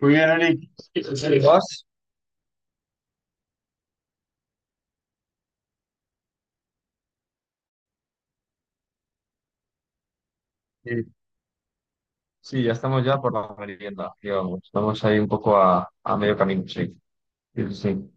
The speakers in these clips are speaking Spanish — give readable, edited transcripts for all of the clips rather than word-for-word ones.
Muy bien, Eric. Sí, ¿vas? Sí, sí, ya estamos ya por la merienda, digamos. Estamos ahí un poco a medio camino, sí. Sí, sí.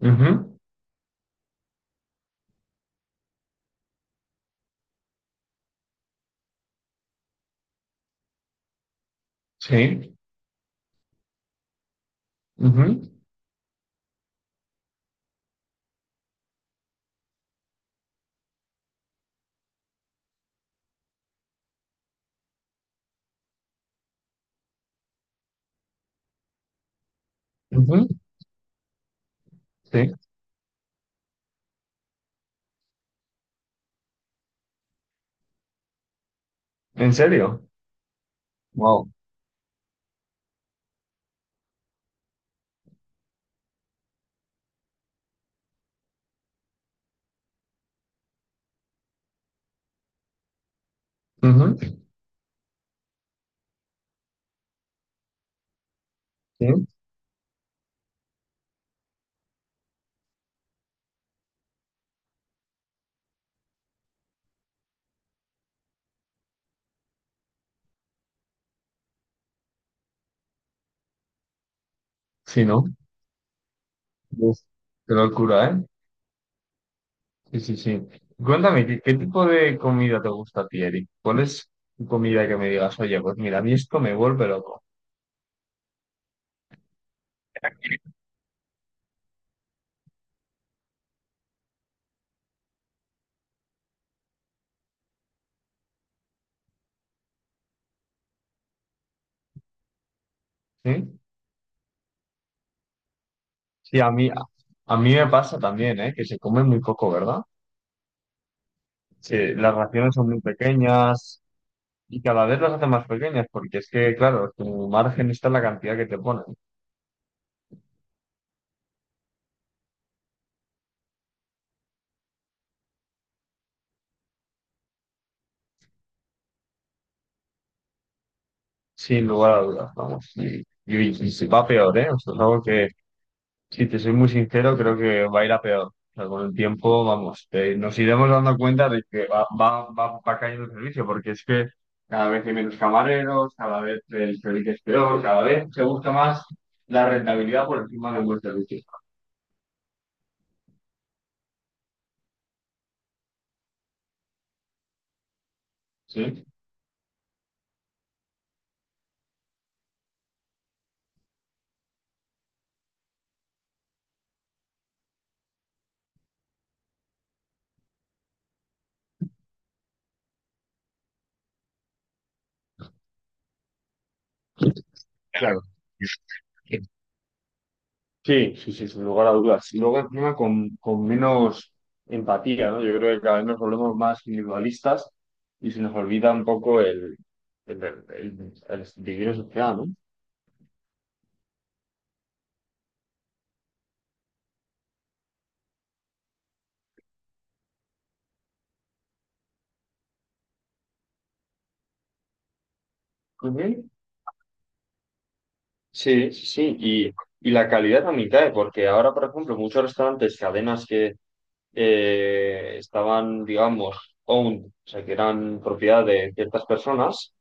Sí. Ujú. Sí. Ujú. Ujú. Sí. ¿En serio? Wow. Ujú. Sí. Sí, ¿no? Uf. Qué locura, ¿eh? Sí, sí, sí. Cuéntame, ¿qué tipo de comida te gusta a ti, Eric? ¿Cuál es tu comida que me digas, oye, pues mira, a mí esto me vuelve loco? Sí, sí, a mí me pasa también, ¿eh? Que se come muy poco, ¿verdad? Sí, las raciones son muy pequeñas y cada vez las hacen más pequeñas porque es que, claro, tu margen está en la cantidad que te ponen, sin lugar a dudas, vamos. Y va peor, ¿eh? O sea, es algo que, si te soy muy sincero, creo que va a ir a peor. O sea, con el tiempo, vamos, nos iremos dando cuenta de que va cayendo el servicio porque es que cada vez hay menos camareros, cada vez el servicio es peor, cada vez se busca más la rentabilidad por encima de un buen servicio. ¿Sí? Claro. Sí, sí, sí, sin lugar a dudas. Y luego encima con menos empatía, ¿no? Yo creo que cada vez nos volvemos más individualistas y se nos olvida un poco el vivir en sociedad, ¿no? Ujú. Sí, sí, sí. Y la calidad también cae, porque ahora, por ejemplo, muchos restaurantes, cadenas que estaban, digamos, owned, o sea, que eran propiedad de ciertas personas,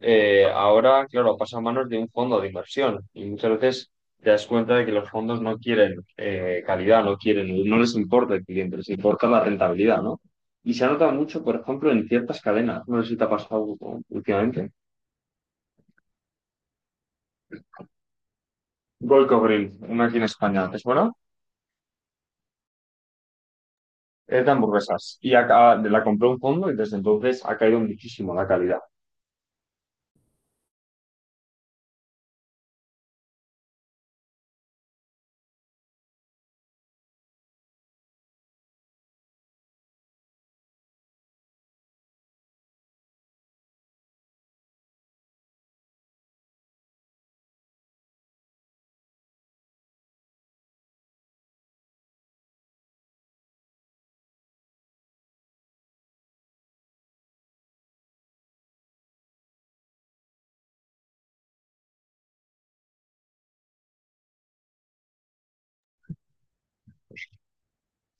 ahora, claro, pasa a manos de un fondo de inversión y muchas veces te das cuenta de que los fondos no quieren calidad, no quieren, no les importa el cliente, les importa la rentabilidad, ¿no? Y se nota mucho, por ejemplo, en ciertas cadenas. No sé si te ha pasado, ¿no?, últimamente. Goico Grill, una aquí en España, ¿te suena? Es de hamburguesas. Y acá, la compró un fondo y desde entonces ha caído muchísimo la calidad.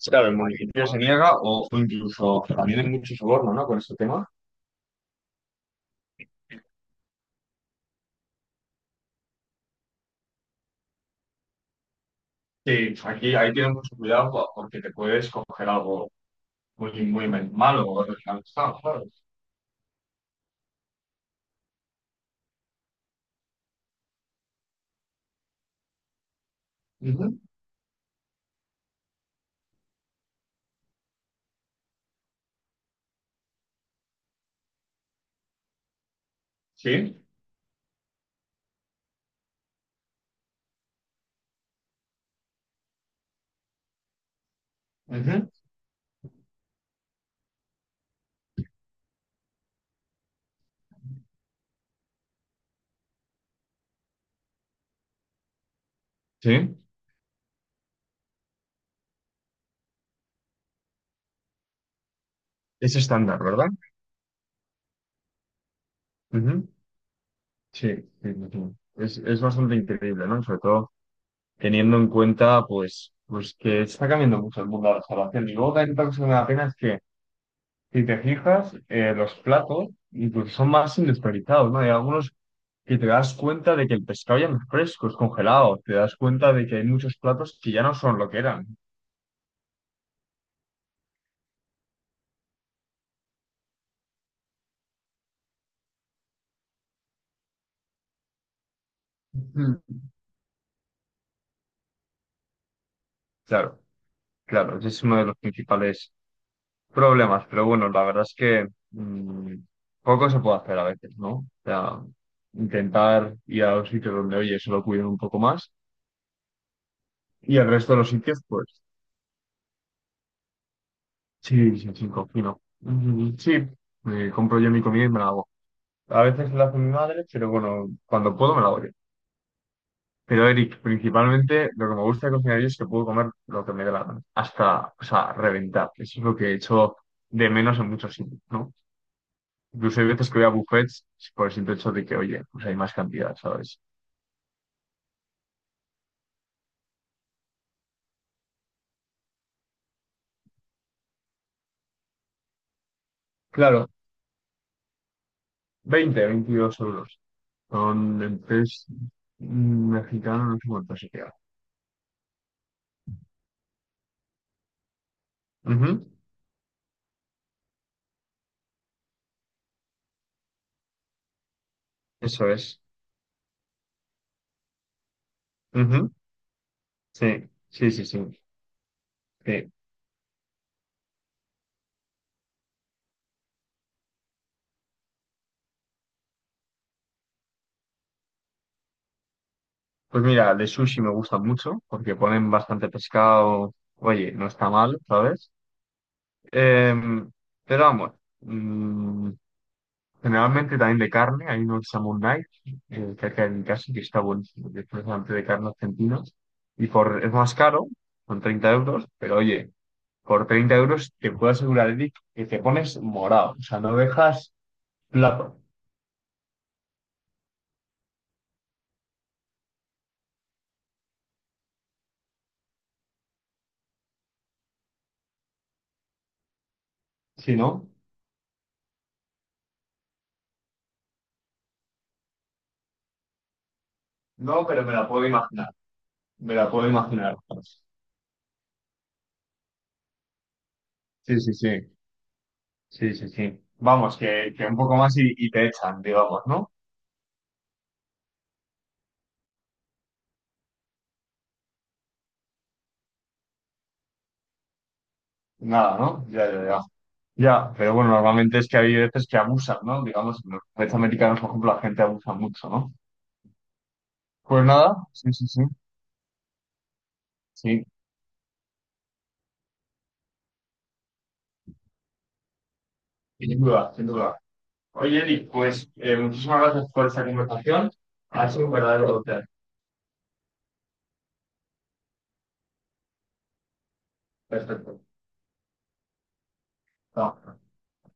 Claro, el municipio se niega o incluso también hay mucho soborno, ¿no? Con este tema. Sí, aquí ahí tienes mucho cuidado porque te puedes coger algo muy, muy malo o original. Ah, claro. Ujú. Sí, ujú, sí, es estándar, ¿verdad? Ujú. Sí, sí, sí, sí. Es bastante increíble, ¿no? Sobre todo teniendo en cuenta, pues que está cambiando mucho el mundo de la salvación. Y luego también otra cosa que me da pena es que, si te fijas, los platos incluso son más industrializados, ¿no? Hay algunos que te das cuenta de que el pescado ya no es fresco, es congelado. Te das cuenta de que hay muchos platos que ya no son lo que eran. Ujú. Claro, claro, ese es uno de los principales problemas. Pero bueno, la verdad es que poco se puede hacer a veces, ¿no? O sea, intentar ir a los sitios donde, oye, se lo cuiden un poco más. Y el resto de los sitios, pues, sí, sí, sí, cocino. Mm, sí, me compro yo mi comida y me la hago. A veces la hace mi madre, pero bueno, cuando puedo me la doy. Pero Eric, principalmente lo que me gusta de cocinar yo es que puedo comer lo que me dé la gana, hasta, o sea, reventar. Eso es lo que he hecho de menos en muchos sitios, ¿no? Incluso hay veces que voy a buffets por el simple hecho de que, oye, pues hay más cantidad, ¿sabes? Claro, 20 22 euros. Son en tres mexicano no sé cuánto se queda. Ujú, eso es. Ujú, sí, sí, sí, sí. Sí. Pues mira, de sushi me gusta mucho porque ponen bastante pescado. Oye, no está mal, ¿sabes? Em, pero vamos, mm, generalmente también de carne. Hay uno que se llama un Night, cerca de mi casa, que está buenísimo, que es precisamente de carne argentina. Y es más caro, son 30 euros, pero oye, por 30 euros te puedo asegurar, Eric, que te pones morado. O sea, no dejas plato. Si no, no, pero me la puedo imaginar. Me la puedo imaginar. Sí, sí, sí. Sí, sí, sí. Vamos, que un poco más y te echan, digamos, ¿no? Nada, ¿no? Ya, ya, ya. Ya, pero bueno, normalmente es que hay veces que abusan, ¿no? Digamos, en los países americanos, por ejemplo, la gente abusa mucho, ¿no? Pues nada, sí, sí, sí. Sí, sin duda, sin duda. Oye, Eli, pues muchísimas gracias por esta conversación. Ha sido un verdadero placer. Perfecto. Chao.